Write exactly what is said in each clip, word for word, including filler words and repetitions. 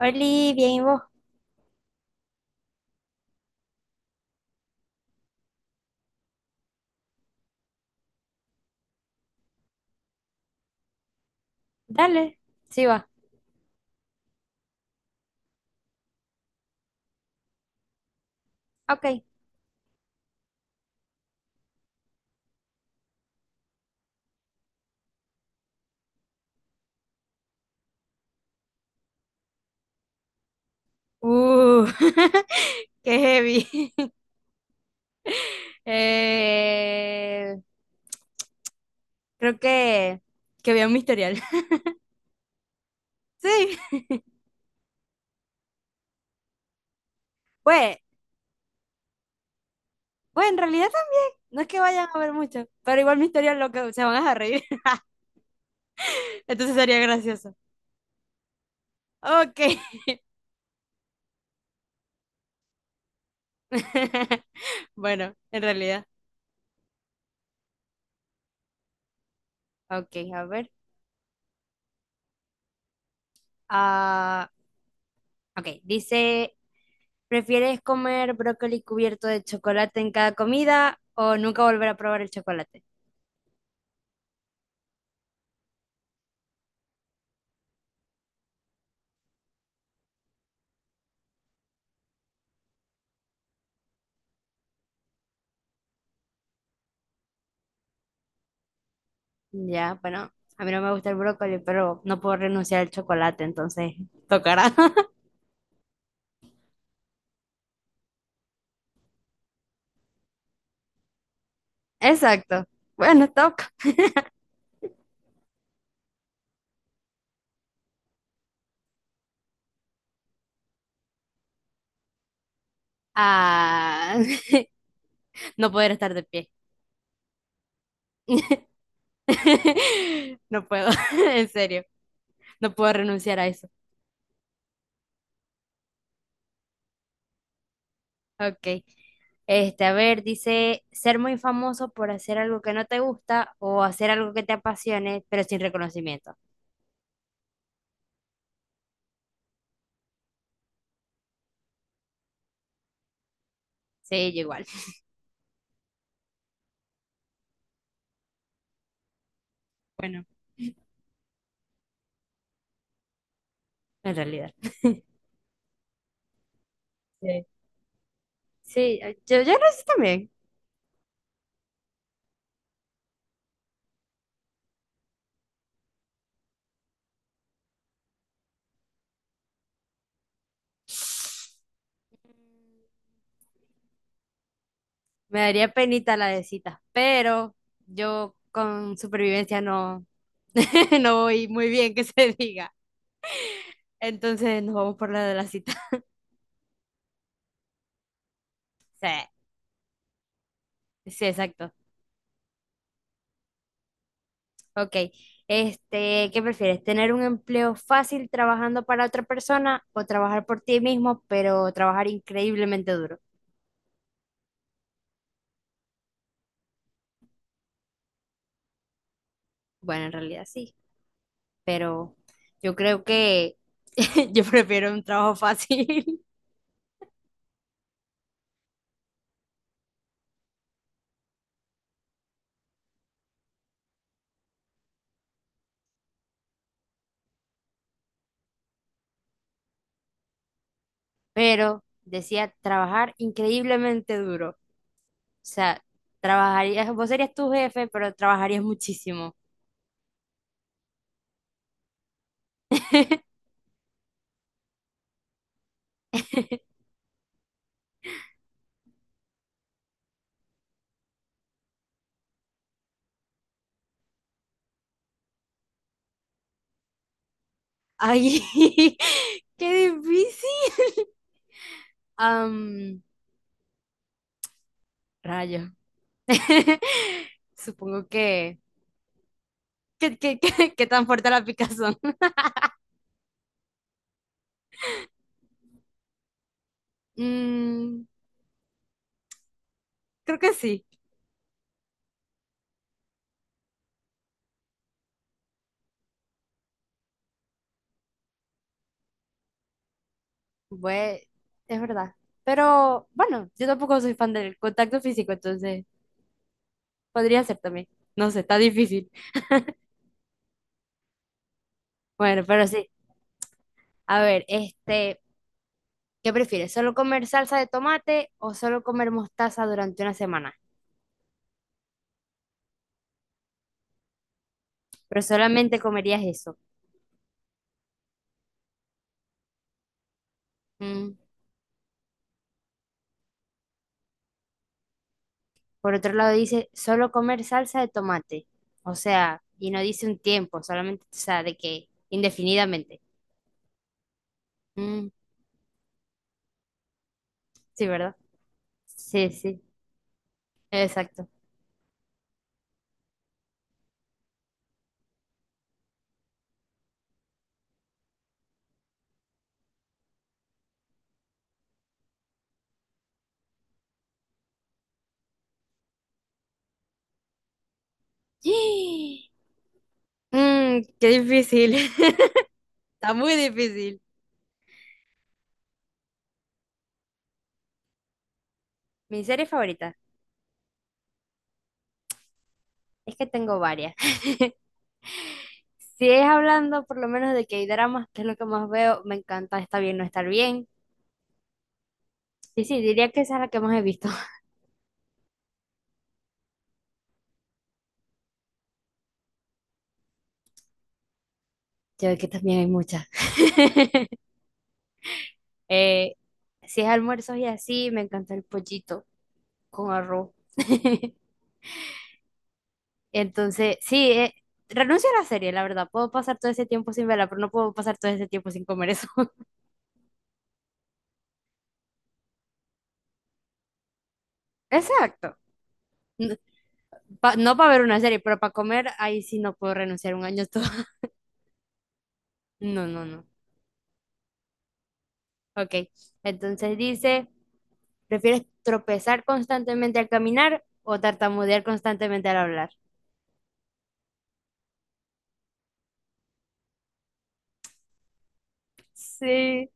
Oli, bien, ¿y vos? Dale, sí va. Ok. Uh, qué heavy. Eh, creo que, que vi un Misterial. Sí, pues, pues en realidad también. No es que vayan a ver mucho, pero igual Misterial lo que se van a reír. Entonces sería gracioso. Ok. Bueno, en realidad. Ok, a ver. Ah, ok, dice ¿Prefieres comer brócoli cubierto de chocolate en cada comida o nunca volver a probar el chocolate? Ya, bueno, a mí no me gusta el brócoli, pero no puedo renunciar al chocolate, entonces tocará. Exacto. Bueno, toca. Ah, no poder estar de pie. No puedo, en serio, no puedo renunciar a eso. Ok. Este, a ver, dice, ser muy famoso por hacer algo que no te gusta o hacer algo que te apasione, pero sin reconocimiento. Sí, yo igual. Bueno, en realidad. Sí. Sí, yo, yo lo hice también. Me daría penita la de citas, pero yo con supervivencia no, no voy muy bien que se diga. Entonces nos vamos por la de la cita. Sí, sí, exacto. Ok. Este, ¿qué prefieres? ¿Tener un empleo fácil trabajando para otra persona o trabajar por ti mismo, pero trabajar increíblemente duro? Bueno, en realidad sí, pero yo creo que yo prefiero un trabajo fácil. Pero decía trabajar increíblemente duro. O sea, trabajarías, vos serías tu jefe, pero trabajarías muchísimo. Ay, qué difícil. Am, rayo. Supongo que, que, que, que- que tan fuerte la picazón. Mm, creo que sí. Bue- es verdad. Pero bueno, yo tampoco soy fan del contacto físico, entonces podría ser también. No sé, está difícil. Bueno, pero sí. A ver, este, ¿qué prefieres? ¿Solo comer salsa de tomate o solo comer mostaza durante una semana? Pero solamente comerías eso. Mm. Por otro lado dice, solo comer salsa de tomate. O sea, y no dice un tiempo, solamente, o sea, de que indefinidamente. Mm. Sí, ¿verdad? Sí, sí, exacto. Mm, qué difícil. Está muy difícil. Mi serie favorita. Es que tengo varias. Si es hablando por lo menos de K-dramas, que es lo que más veo, me encanta Está bien no estar bien. Sí, sí, diría que esa es la que más he visto. Yo de que también hay muchas. Eh, si es almuerzos y así, me encanta el pollito con arroz. Entonces, sí, eh, renuncio a la serie, la verdad. Puedo pasar todo ese tiempo sin verla, pero no puedo pasar todo ese tiempo sin comer eso. Exacto. N- pa- No para ver una serie, pero para comer, ahí sí no puedo renunciar un año todo. No, no, no. Ok. Entonces dice. ¿Prefieres tropezar constantemente al caminar o tartamudear constantemente al hablar? Sí,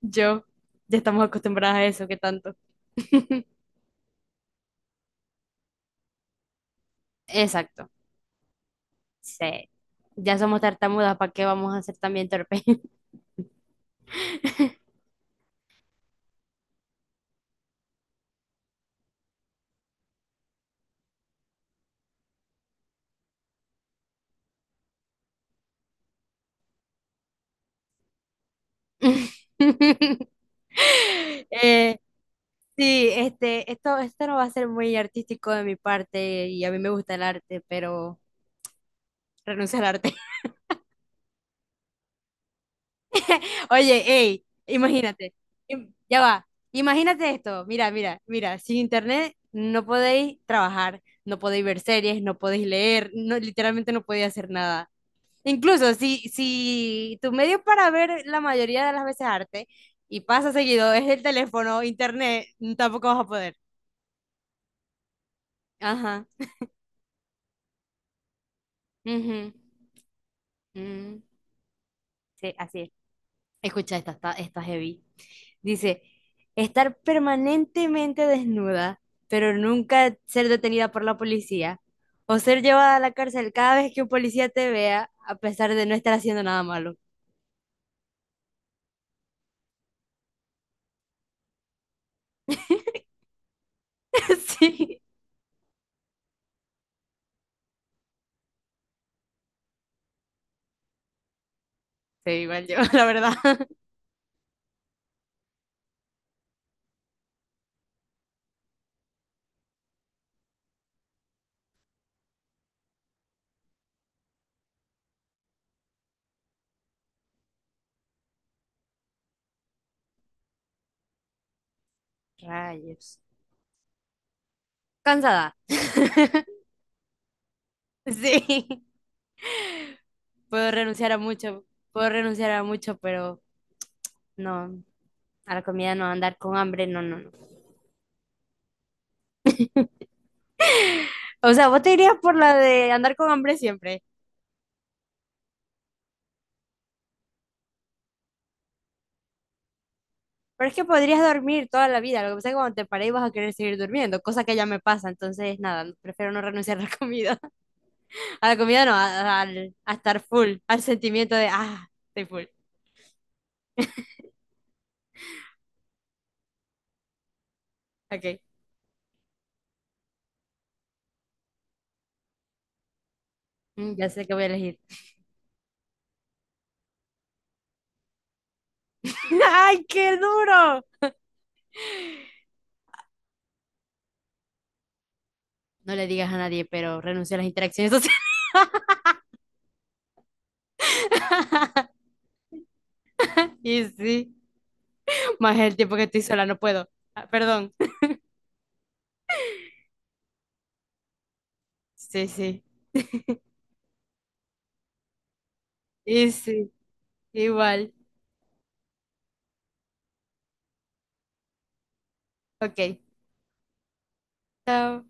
yo. Ya estamos acostumbradas a eso, ¿qué tanto? Exacto. Sí. Ya somos tartamudas, ¿para qué vamos a ser también torpes? Eh, sí, este, esto, esto no va a ser muy artístico de mi parte y a mí me gusta el arte, pero renuncio al arte. Oye, ey, imagínate. Im- Ya va. Imagínate esto. Mira, mira, mira. Sin internet no podéis trabajar, no podéis ver series, no podéis leer, no, literalmente no podéis hacer nada. Incluso si, si tu medio para ver la mayoría de las veces arte y pasa seguido es el teléfono, internet, tampoco vas a poder. Ajá. Ujú, mm, sí, así es. Escucha, esta está, está heavy. Dice, estar permanentemente desnuda, pero nunca ser detenida por la policía, o ser llevada a la cárcel cada vez que un policía te vea, a pesar de no estar haciendo nada malo. Sí, sí, igual yo, la verdad. Rayos. Cansada. Sí. Puedo renunciar a mucho, puedo renunciar a mucho, pero no, a la comida no, andar con hambre, no, no, no. O sea, vos te irías por la de andar con hambre siempre. Pero es que podrías dormir toda la vida. Lo que pasa es que cuando te pares vas a querer seguir durmiendo, cosa que ya me pasa. Entonces, nada, prefiero no renunciar a la comida. A la comida no, a, al- a estar full, al sentimiento de, ah, estoy full. Ok, mm, ya sé que voy a elegir. ¡Ay, qué duro! No le digas a nadie, pero renuncio a las interacciones sociales. Y sí, más el tiempo que estoy sola, no puedo. Ah, perdón. Sí, sí. Y sí, igual. Ok, chao.